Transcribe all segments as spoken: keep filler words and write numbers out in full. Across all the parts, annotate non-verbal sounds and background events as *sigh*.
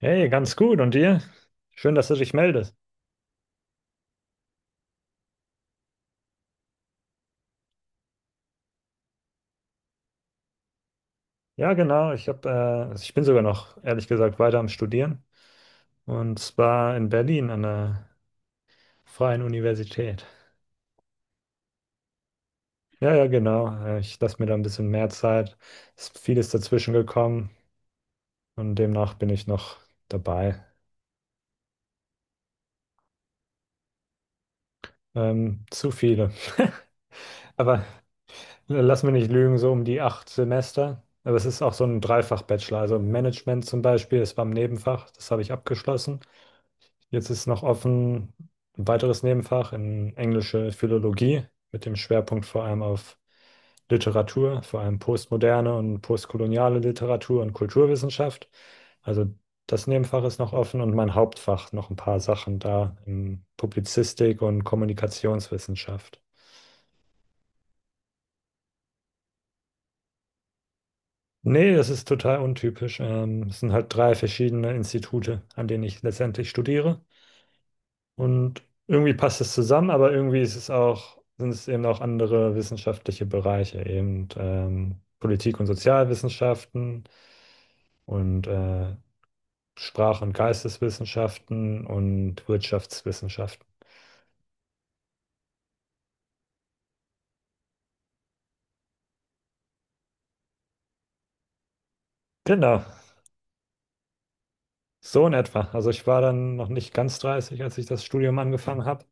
Hey, ganz gut. Und dir? Schön, dass du dich meldest. Ja, genau. Ich hab, äh, also ich bin sogar noch, ehrlich gesagt, weiter am Studieren. Und zwar in Berlin an der Freien Universität. Ja, ja, genau. Äh, Ich lasse mir da ein bisschen mehr Zeit. Ist vieles dazwischen gekommen und demnach bin ich noch dabei. Ähm, zu viele. *laughs* Aber lass mich nicht lügen, so um die acht Semester. Aber es ist auch so ein Dreifach-Bachelor. Also Management zum Beispiel, das war im Nebenfach, das habe ich abgeschlossen. Jetzt ist noch offen ein weiteres Nebenfach in englische Philologie mit dem Schwerpunkt vor allem auf Literatur, vor allem postmoderne und postkoloniale Literatur und Kulturwissenschaft. Also das Nebenfach ist noch offen und mein Hauptfach noch ein paar Sachen da in Publizistik und Kommunikationswissenschaft. Nee, das ist total untypisch. Ähm, es sind halt drei verschiedene Institute, an denen ich letztendlich studiere. Und irgendwie passt es zusammen, aber irgendwie ist es auch, sind es eben auch andere wissenschaftliche Bereiche, eben ähm, Politik- und Sozialwissenschaften und äh, Sprach- und Geisteswissenschaften und Wirtschaftswissenschaften. Genau, so in etwa. Also ich war dann noch nicht ganz dreißig, als ich das Studium angefangen habe,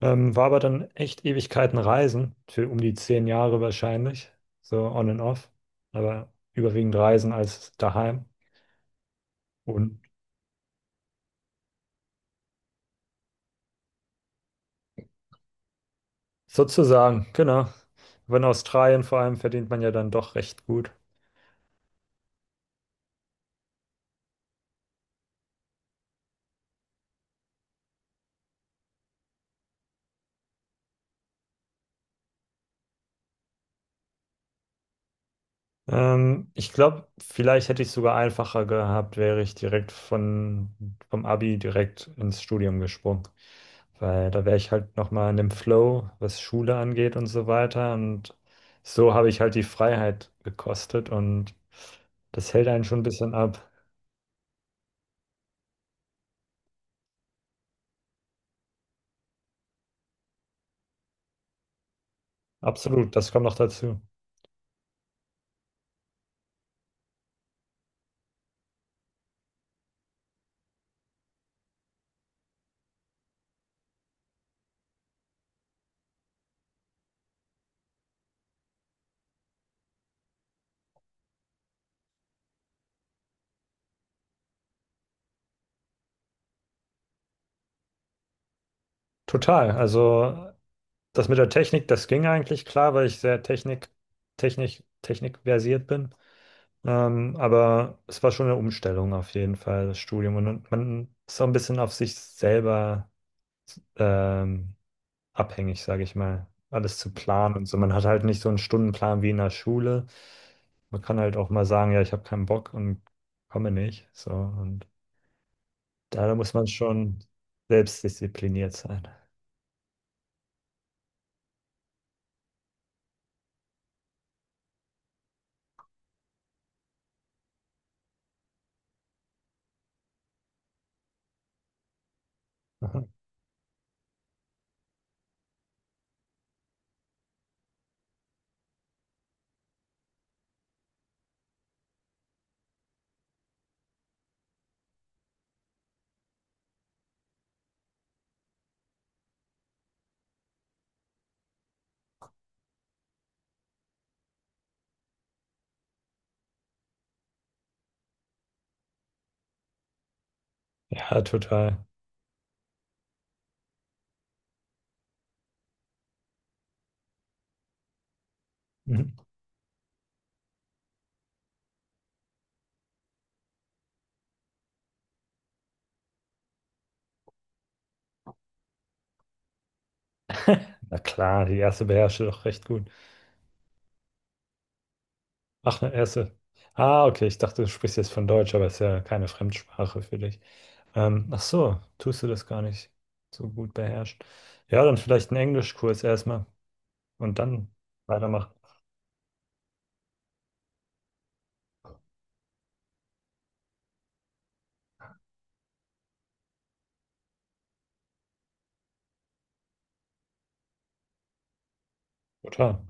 ähm, war aber dann echt Ewigkeiten reisen, für um die zehn Jahre wahrscheinlich, so on and off, aber überwiegend reisen als daheim. Und Sozusagen, genau. Aber in Australien vor allem verdient man ja dann doch recht gut. Ähm, ich glaube, vielleicht hätte ich es sogar einfacher gehabt, wäre ich direkt von, vom Abi direkt ins Studium gesprungen. Weil da wäre ich halt nochmal in dem Flow, was Schule angeht und so weiter. Und so habe ich halt die Freiheit gekostet und das hält einen schon ein bisschen ab. Absolut, das kommt noch dazu. Total. Also das mit der Technik, das ging eigentlich klar, weil ich sehr Technik, Technik, Technik versiert bin. Ähm, aber es war schon eine Umstellung auf jeden Fall, das Studium. Und man ist auch ein bisschen auf sich selber ähm, abhängig, sage ich mal, alles zu planen und so. Man hat halt nicht so einen Stundenplan wie in der Schule. Man kann halt auch mal sagen, ja, ich habe keinen Bock und komme nicht. So, und da muss man schon selbstdiszipliniert sein. *laughs* Ja, total. Na klar, die erste beherrsche doch recht gut. Ach, eine erste. Ah, okay, ich dachte, du sprichst jetzt von Deutsch, aber ist ja keine Fremdsprache für dich. Ähm, ach so, tust du das gar nicht so gut beherrschen. Ja, dann vielleicht einen Englischkurs erstmal und dann weitermachen. Total.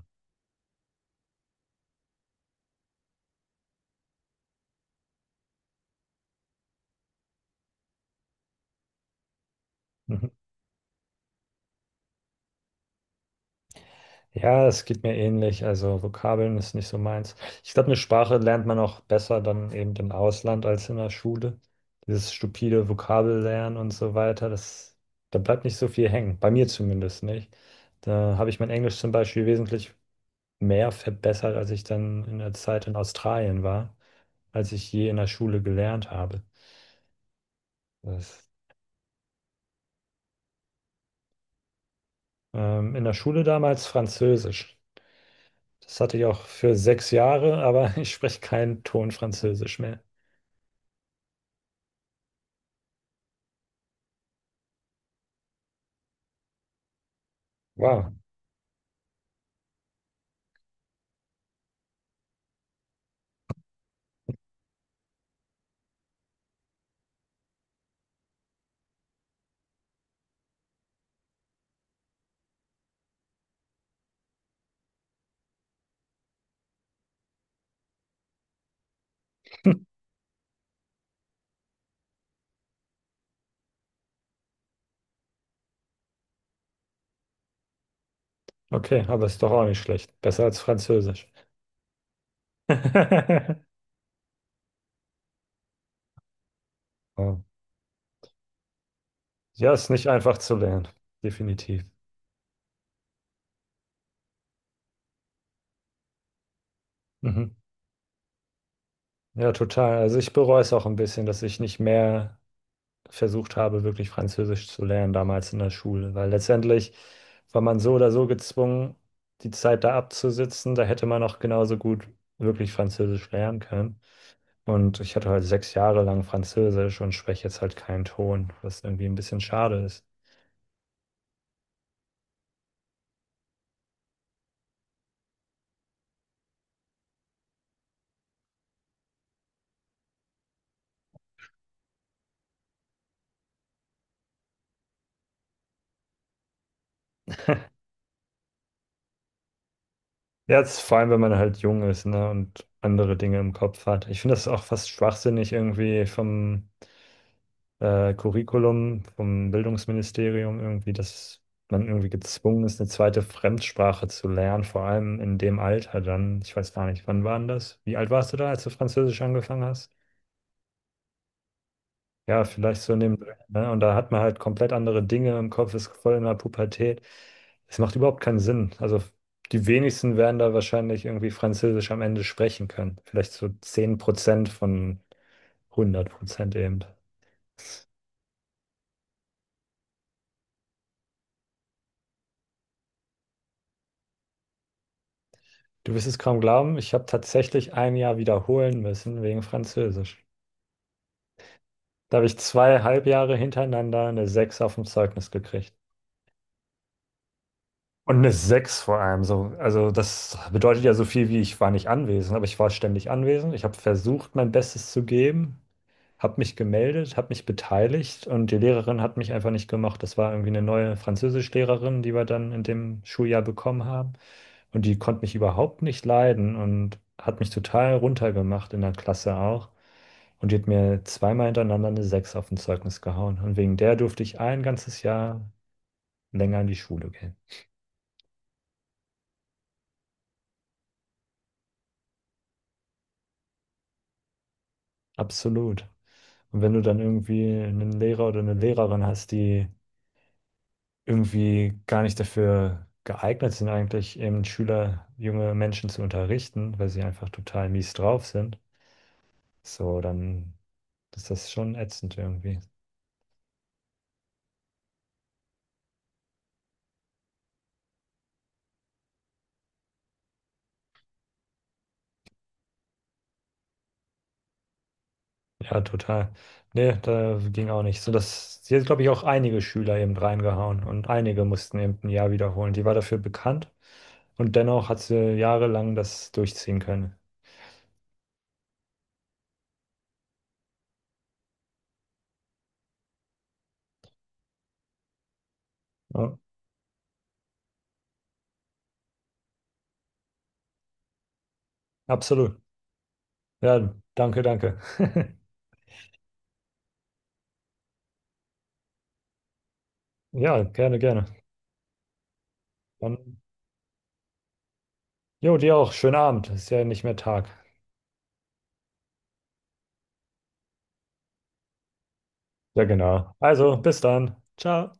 Mhm. Ja, es geht mir ähnlich. Also Vokabeln ist nicht so meins. Ich glaube, eine Sprache lernt man auch besser dann eben im Ausland als in der Schule. Dieses stupide Vokabellernen und so weiter, das, da bleibt nicht so viel hängen. Bei mir zumindest nicht. Da habe ich mein Englisch zum Beispiel wesentlich mehr verbessert, als ich dann in der Zeit in Australien war, als ich je in der Schule gelernt habe. Das, ähm, in der Schule damals Französisch. Das hatte ich auch für sechs Jahre, aber *laughs* ich spreche keinen Ton Französisch mehr. Wow. Okay, aber ist doch auch nicht schlecht. Besser als Französisch. *laughs* Ja, ja, ist nicht einfach zu lernen. Definitiv. Mhm. Ja, total. Also ich bereue es auch ein bisschen, dass ich nicht mehr versucht habe, wirklich Französisch zu lernen damals in der Schule, weil letztendlich war man so oder so gezwungen, die Zeit da abzusitzen. Da hätte man auch genauso gut wirklich Französisch lernen können. Und ich hatte halt sechs Jahre lang Französisch und spreche jetzt halt keinen Ton, was irgendwie ein bisschen schade ist. Ja, jetzt vor allem, wenn man halt jung ist, ne, und andere Dinge im Kopf hat. Ich finde das auch fast schwachsinnig irgendwie vom äh, Curriculum, vom Bildungsministerium irgendwie, dass man irgendwie gezwungen ist, eine zweite Fremdsprache zu lernen, vor allem in dem Alter dann. Ich weiß gar nicht, wann war denn das? Wie alt warst du da, als du Französisch angefangen hast? Ja, vielleicht so in dem Dreh, ne? Und da hat man halt komplett andere Dinge im Kopf, ist voll in der Pubertät. Es macht überhaupt keinen Sinn. Also die wenigsten werden da wahrscheinlich irgendwie Französisch am Ende sprechen können. Vielleicht so zehn Prozent von hundert Prozent eben. Du wirst es kaum glauben, ich habe tatsächlich ein Jahr wiederholen müssen wegen Französisch. Da habe ich zwei Halbjahre hintereinander eine sechs auf dem Zeugnis gekriegt. Und eine sechs vor allem so. Also das bedeutet ja so viel wie: ich war nicht anwesend, aber ich war ständig anwesend. Ich habe versucht, mein Bestes zu geben, habe mich gemeldet, habe mich beteiligt und die Lehrerin hat mich einfach nicht gemacht. Das war irgendwie eine neue Französischlehrerin, die wir dann in dem Schuljahr bekommen haben. Und die konnte mich überhaupt nicht leiden und hat mich total runtergemacht in der Klasse auch. Und die hat mir zweimal hintereinander eine sechs auf dem Zeugnis gehauen. Und wegen der durfte ich ein ganzes Jahr länger in die Schule gehen. Absolut. Und wenn du dann irgendwie einen Lehrer oder eine Lehrerin hast, die irgendwie gar nicht dafür geeignet sind, eigentlich eben Schüler, junge Menschen zu unterrichten, weil sie einfach total mies drauf sind, so, dann ist das schon ätzend irgendwie. Ja, total. Nee, da ging auch nicht. So, das, sie hat, glaube ich, auch einige Schüler eben reingehauen und einige mussten eben ein Jahr wiederholen. Die war dafür bekannt und dennoch hat sie jahrelang das durchziehen können. Ja, absolut. Ja, danke, danke. *laughs* Ja, gerne, gerne. Dann, jo, dir auch. Schönen Abend. Ist ja nicht mehr Tag. Ja, genau. Also, bis dann. Ciao.